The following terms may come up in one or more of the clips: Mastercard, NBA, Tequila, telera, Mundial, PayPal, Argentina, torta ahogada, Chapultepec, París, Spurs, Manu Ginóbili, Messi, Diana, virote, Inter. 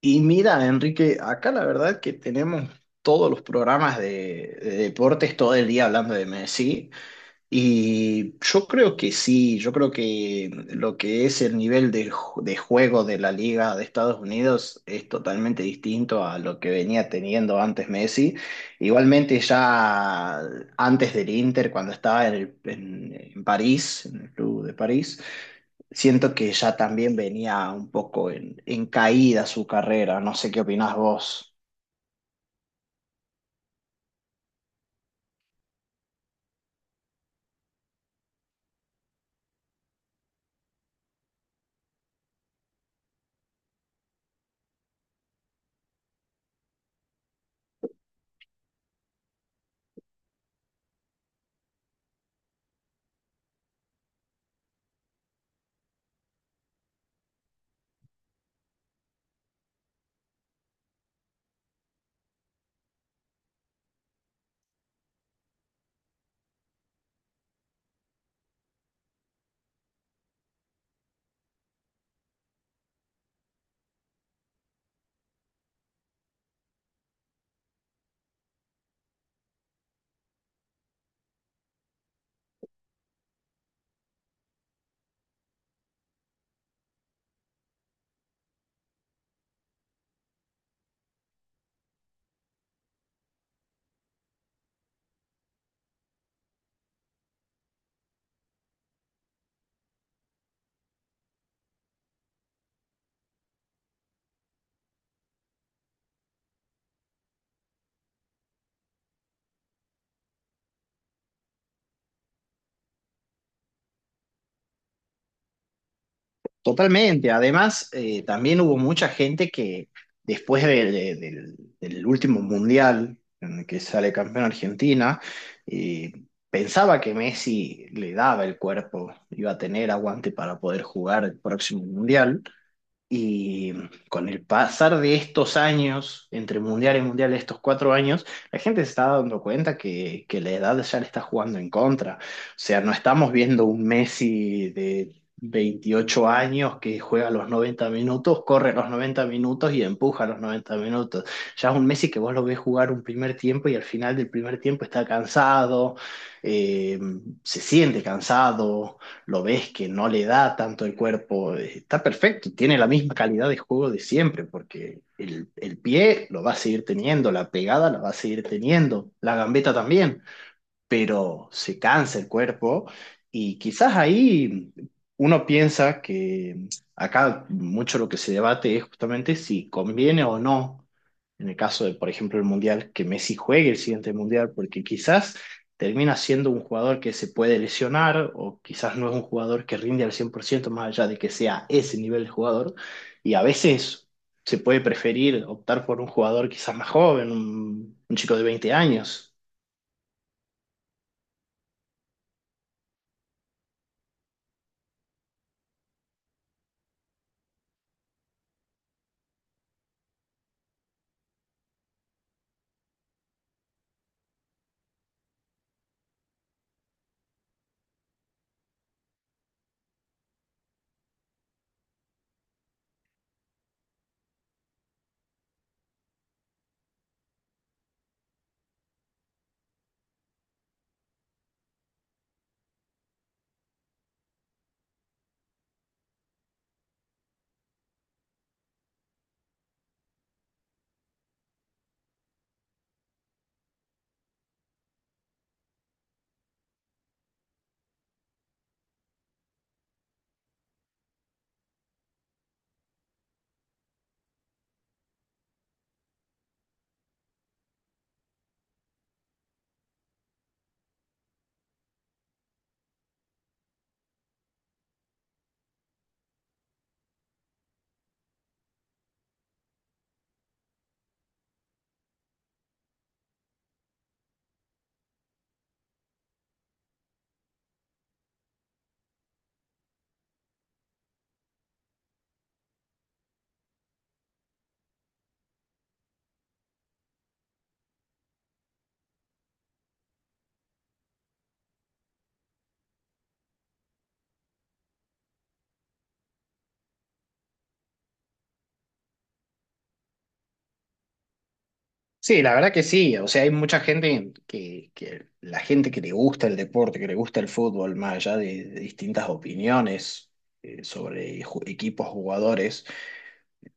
Y mira, Enrique, acá la verdad que tenemos todos los programas de deportes todo el día hablando de Messi. Y yo creo que sí, yo creo que lo que es el nivel de, de juego de la Liga de Estados Unidos es totalmente distinto a lo que venía teniendo antes Messi. Igualmente ya antes del Inter, cuando estaba en, en París, en el club de París siento que ya también venía un poco en caída su carrera, no sé qué opinás vos. Totalmente, además también hubo mucha gente que después del del último mundial en el que sale campeón Argentina, eh, pensaba que Messi le daba el cuerpo, iba a tener aguante para poder jugar el próximo mundial. Y con el pasar de estos años, entre mundial y mundial, estos 4 años, la gente se está dando cuenta que la edad ya le está jugando en contra. O sea, no estamos viendo un Messi de 28 años que juega los 90 minutos, corre los 90 minutos y empuja los 90 minutos. Ya es un Messi que vos lo ves jugar un primer tiempo y al final del primer tiempo está cansado, eh, se siente cansado, lo ves que no le da tanto el cuerpo, está perfecto, tiene la misma calidad de juego de siempre, porque el pie lo va a seguir teniendo, la pegada la va a seguir teniendo, la gambeta también, pero se cansa el cuerpo, y quizás ahí uno piensa que acá mucho lo que se debate es justamente si conviene o no, en el caso de, por ejemplo, el Mundial, que Messi juegue el siguiente Mundial, porque quizás termina siendo un jugador que se puede lesionar, o quizás no es un jugador que rinde al 100 por ciento más allá de que sea ese nivel de jugador, y a veces... Se puede preferir optar por un jugador quizás más joven, un chico de 20 años. Sí, la verdad que sí. O sea, hay mucha gente que la gente que le gusta el deporte, que le gusta el fútbol, más allá de distintas opiniones sobre equipos, jugadores,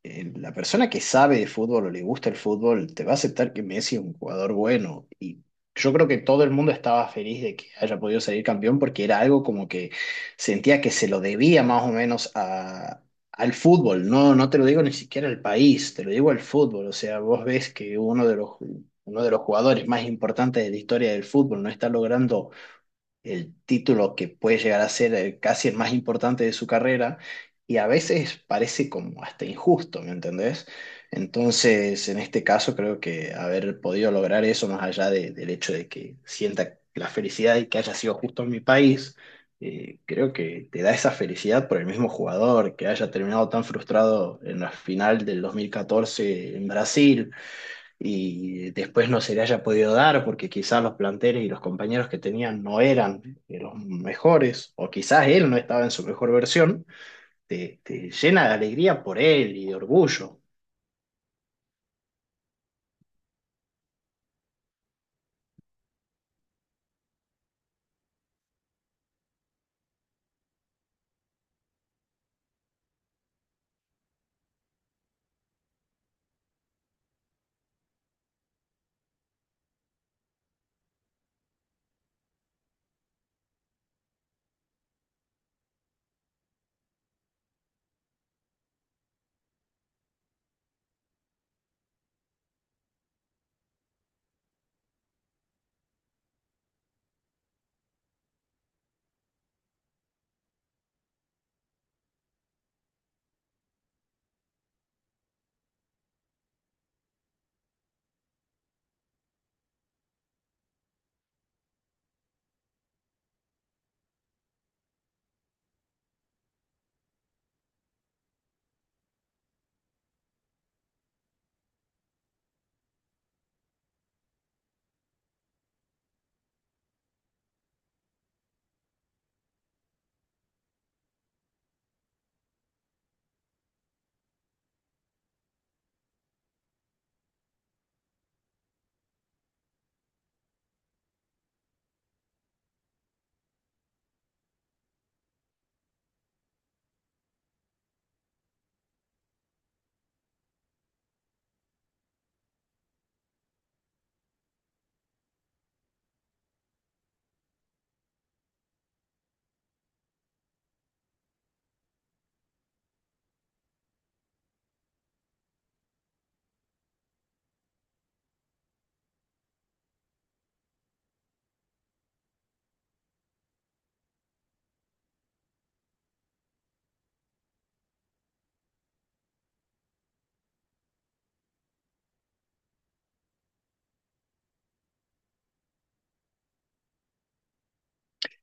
la persona que sabe de fútbol o le gusta el fútbol te va a aceptar que Messi es un jugador bueno. Y yo creo que todo el mundo estaba feliz de que haya podido salir campeón porque era algo como que sentía que se lo debía más o menos a, al fútbol. No, no te lo digo ni siquiera al país, te lo digo al fútbol. O sea, vos ves que uno de los jugadores más importantes de la historia del fútbol no está logrando el título que puede llegar a ser casi el más importante de su carrera, y a veces parece como hasta injusto, ¿me entendés? Entonces, en este caso creo que haber podido lograr eso más allá del hecho de que sienta la felicidad y que haya sido justo en mi país, creo que te da esa felicidad por el mismo jugador que haya terminado tan frustrado en la final del 2014 en Brasil, y después no se le haya podido dar porque quizás los planteles y los compañeros que tenían no eran de los mejores, o quizás él no estaba en su mejor versión, te llena de alegría por él y de orgullo.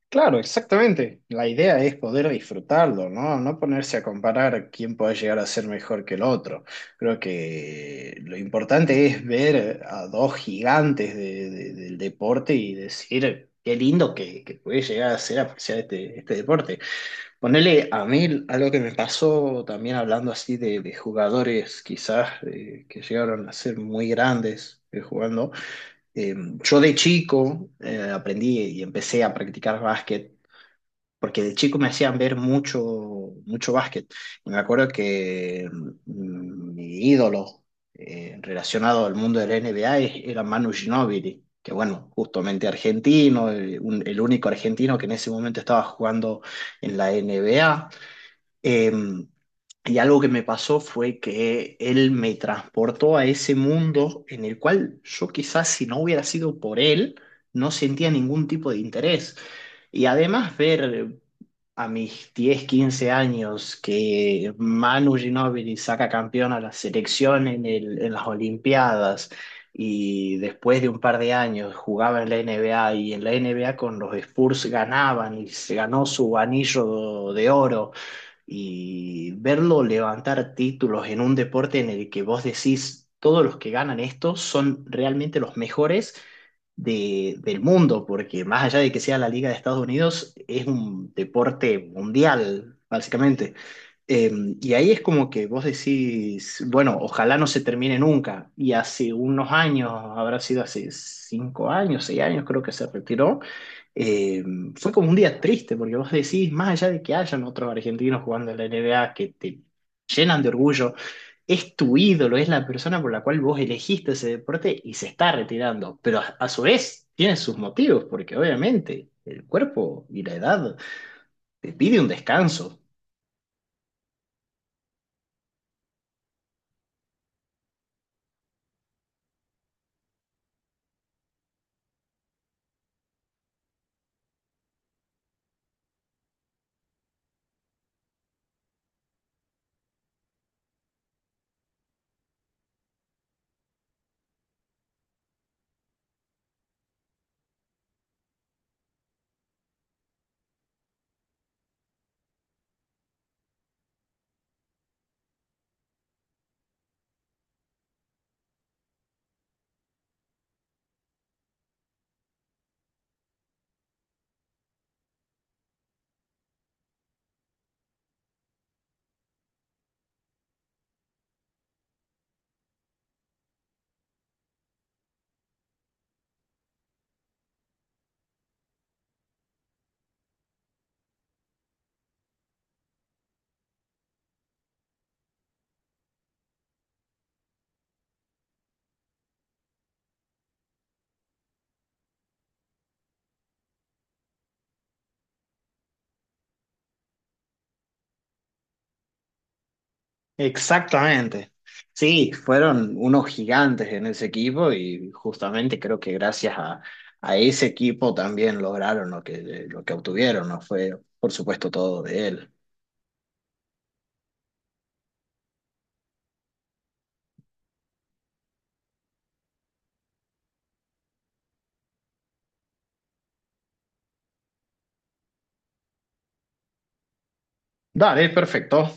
Claro, exactamente. La idea es poder disfrutarlo, ¿no? No ponerse a comparar quién puede llegar a ser mejor que el otro. Creo que lo importante es ver a dos gigantes del deporte y decir qué lindo que puede llegar a ser apreciar este, este deporte. Ponele a mí algo que me pasó también hablando así de jugadores quizás que llegaron a ser muy grandes jugando. Eh, yo de chico aprendí y empecé a practicar básquet porque de chico me hacían ver mucho, mucho básquet. Y me acuerdo que mi ídolo relacionado al mundo del NBA era Manu Ginóbili, que bueno, justamente argentino, el único argentino que en ese momento estaba jugando en la NBA. Eh, y algo que me pasó fue que él me transportó a ese mundo en el cual yo, quizás si no hubiera sido por él, no sentía ningún tipo de interés. Y además ver a mis 10, 15 años que Manu Ginóbili saca campeón a la selección en las Olimpiadas, y después de un par de años jugaba en la NBA, y en la NBA con los Spurs ganaban y se ganó su anillo de oro, y verlo levantar títulos en un deporte en el que vos decís, todos los que ganan esto son realmente los mejores del mundo, porque más allá de que sea la Liga de Estados Unidos, es un deporte mundial, básicamente. Eh, y ahí es como que vos decís, bueno, ojalá no se termine nunca. Y hace unos años, habrá sido hace 5 años, 6 años, creo que se retiró, eh, fue como un día triste, porque vos decís, más allá de que hayan otros argentinos jugando en la NBA que te llenan de orgullo, es tu ídolo, es la persona por la cual vos elegiste ese deporte y se está retirando, pero a su vez tiene sus motivos, porque obviamente el cuerpo y la edad te pide un descanso. Exactamente. Sí, fueron unos gigantes en ese equipo y justamente creo que gracias a ese equipo también lograron lo que obtuvieron, no fue por supuesto todo de él. Dale, perfecto.